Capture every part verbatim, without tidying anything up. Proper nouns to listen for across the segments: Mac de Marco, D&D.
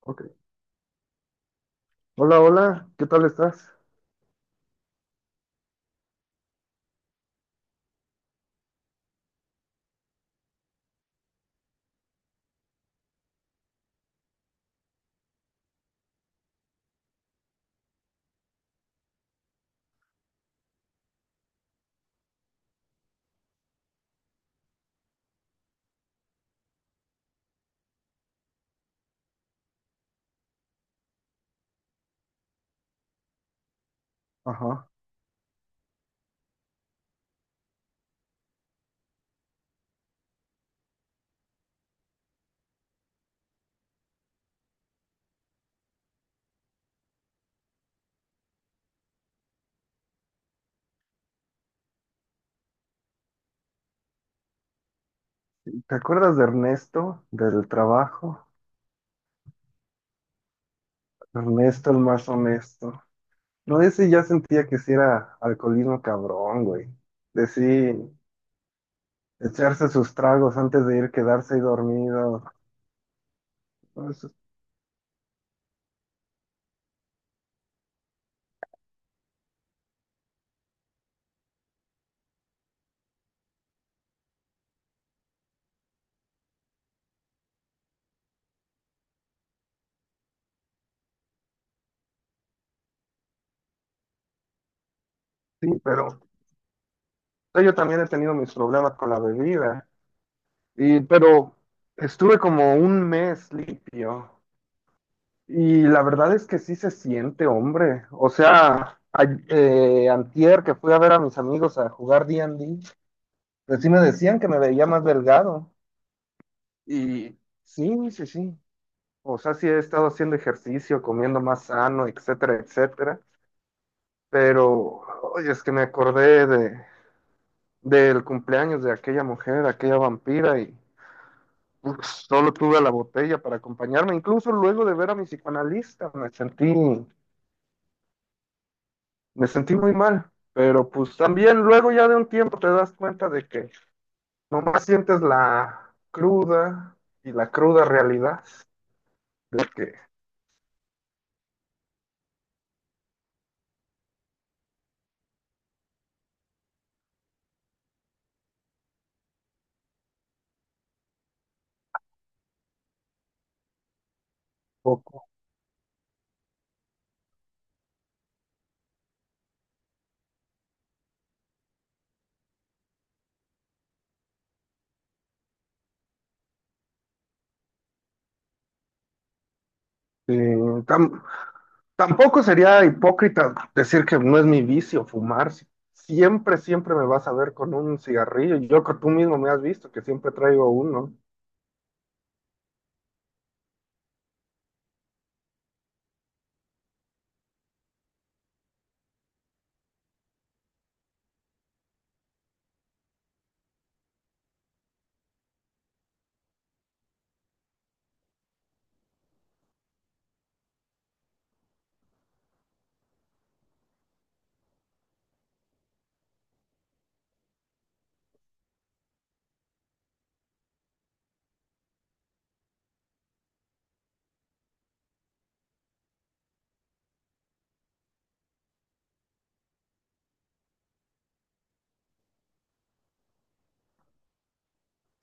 Ok. Hola, hola, ¿qué tal estás? Ajá. ¿Te acuerdas de Ernesto, del trabajo? Ernesto, el más honesto. No, ese ya sentía que sí era alcoholismo cabrón, güey. De sí, echarse sus tragos antes de ir, quedarse ahí dormido. No, eso sí, pero yo también he tenido mis problemas con la bebida. Y, pero estuve como un mes limpio. Y la verdad es que sí se siente, hombre. O sea, a- eh, antier que fui a ver a mis amigos a jugar D D&D, pues sí me decían que me veía más delgado. Y sí, sí, sí. O sea, sí he estado haciendo ejercicio, comiendo más sano, etcétera, etcétera. Pero, oye, es que me acordé de, del cumpleaños de aquella mujer, aquella vampira, y uf, solo tuve a la botella para acompañarme. Incluso luego de ver a mi psicoanalista, me sentí. Me sentí muy mal, pero pues también luego ya de un tiempo te das cuenta de que nomás sientes la cruda y la cruda realidad de que poco. Sí, tam- tampoco sería hipócrita decir que no es mi vicio fumar. Si siempre, siempre me vas a ver con un cigarrillo. Yo creo que tú mismo me has visto que siempre traigo uno.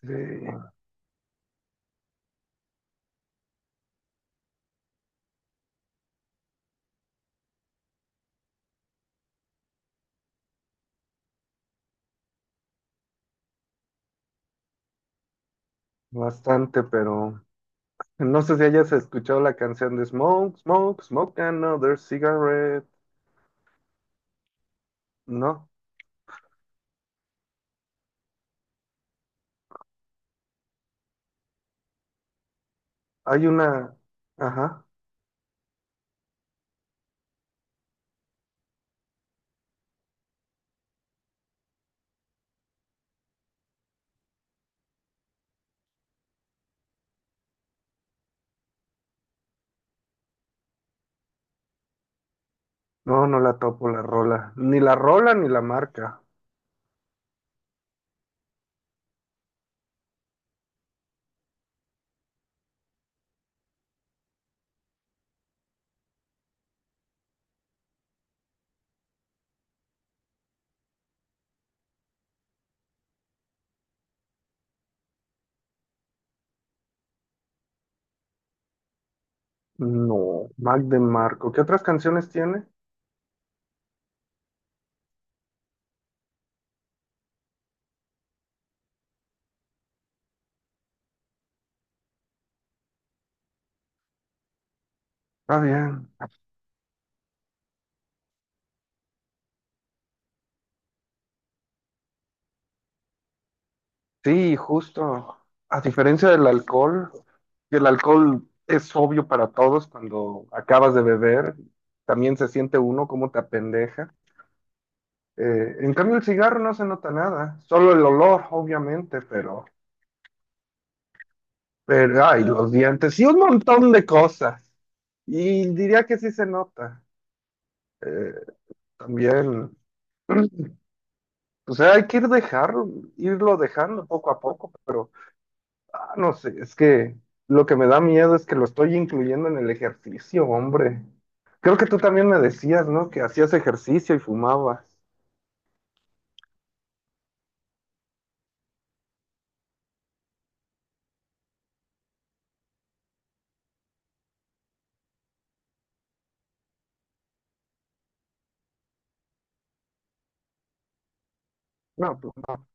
Sí, bastante, pero no sé si hayas escuchado la canción de Smoke, Smoke, Smoke Another Cigarette. No. Hay una, ajá, no, no la topo la rola, ni la rola ni la marca. No, Mac de Marco. ¿Qué otras canciones tiene? Está bien. Sí, justo. A diferencia del alcohol, que el alcohol es obvio para todos cuando acabas de beber, también se siente uno como te apendeja. Eh, en cambio, el cigarro no se nota nada, solo el olor, obviamente, pero, pero, ay, los dientes y un montón de cosas. Y diría que sí se nota. Eh, También. O sea, hay que ir dejar, irlo dejando poco a poco, pero ah, no sé, es que lo que me da miedo es que lo estoy incluyendo en el ejercicio, hombre. Creo que tú también me decías, ¿no? Que hacías ejercicio y fumabas. No, pues no,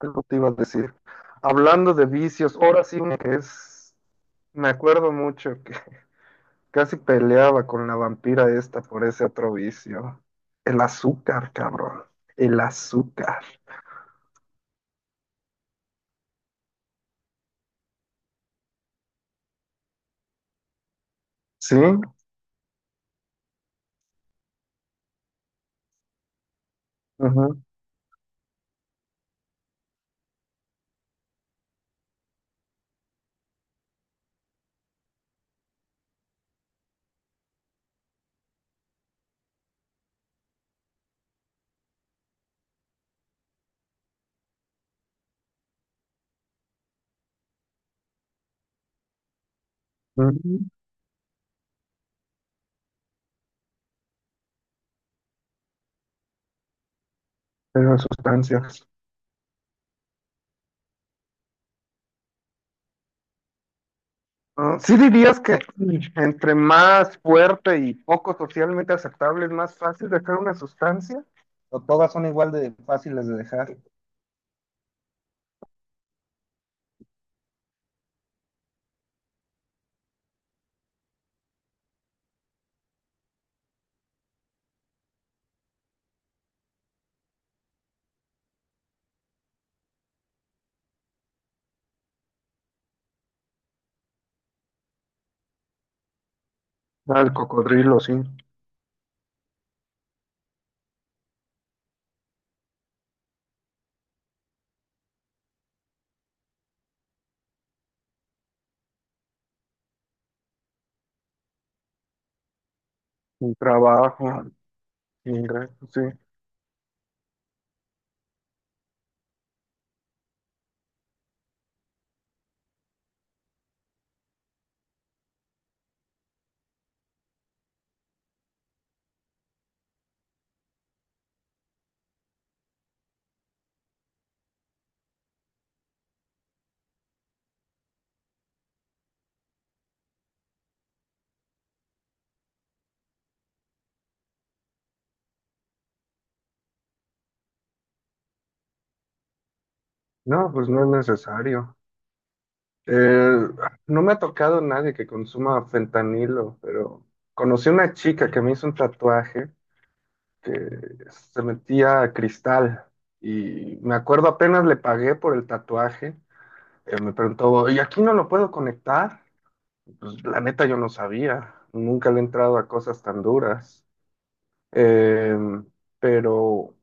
algo te iba a decir. Hablando de vicios, ahora sí uno que es, me acuerdo mucho que casi peleaba con la vampira esta por ese otro vicio. El azúcar, cabrón. El azúcar. ¿Sí? Ujú. Mm, esas sustancias. Ah, sí dirías que entre más fuerte y poco socialmente aceptable es más fácil dejar una sustancia. O todas son igual de fáciles de dejar. Ah, el cocodrilo, sí. Sin trabajo, sin ingresos, sí. No, pues no es necesario. Eh, no me ha tocado nadie que consuma fentanilo, pero conocí una chica que me hizo un tatuaje, que se metía a cristal. Y me acuerdo apenas le pagué por el tatuaje, eh, me preguntó, ¿y aquí no lo puedo conectar? Pues la neta yo no sabía. Nunca le he entrado a cosas tan duras. Eh, pero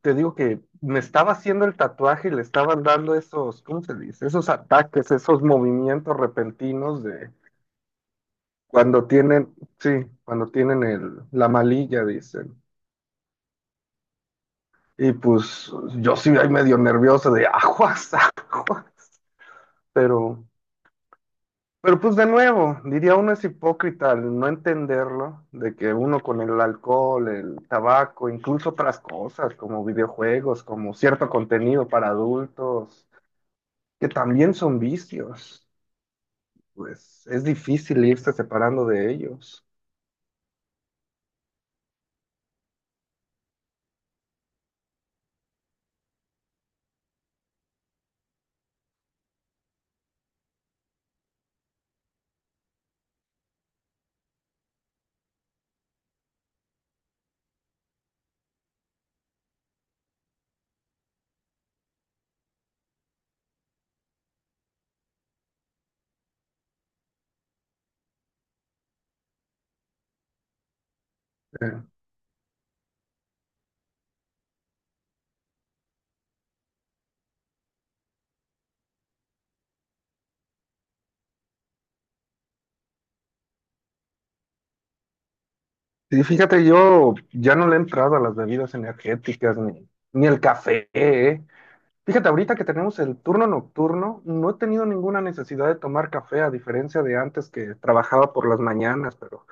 te digo que me estaba haciendo el tatuaje y le estaban dando esos, ¿cómo se dice? Esos ataques, esos movimientos repentinos de cuando tienen, sí, cuando tienen el, la malilla, dicen. Y pues yo sí ahí medio nervioso de aguas, aguas, pero, pero pues de nuevo, diría uno es hipócrita al no entenderlo, de que uno con el alcohol, el tabaco, incluso otras cosas como videojuegos, como cierto contenido para adultos, que también son vicios, pues es difícil irse separando de ellos. Eh, y fíjate, yo ya no le he entrado a las bebidas energéticas ni, ni el café, ¿eh? Fíjate, ahorita que tenemos el turno nocturno, no he tenido ninguna necesidad de tomar café, a diferencia de antes que trabajaba por las mañanas, pero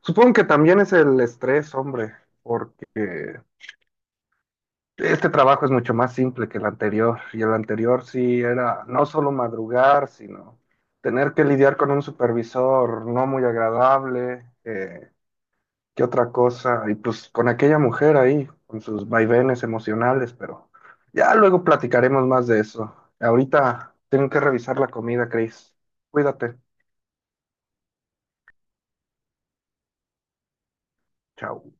supongo que también es el estrés, hombre, porque este trabajo es mucho más simple que el anterior, y el anterior sí era no solo madrugar, sino tener que lidiar con un supervisor no muy agradable, eh, ¿qué otra cosa? Y pues con aquella mujer ahí, con sus vaivenes emocionales, pero ya luego platicaremos más de eso. Ahorita tengo que revisar la comida, Chris. Cuídate. Chao.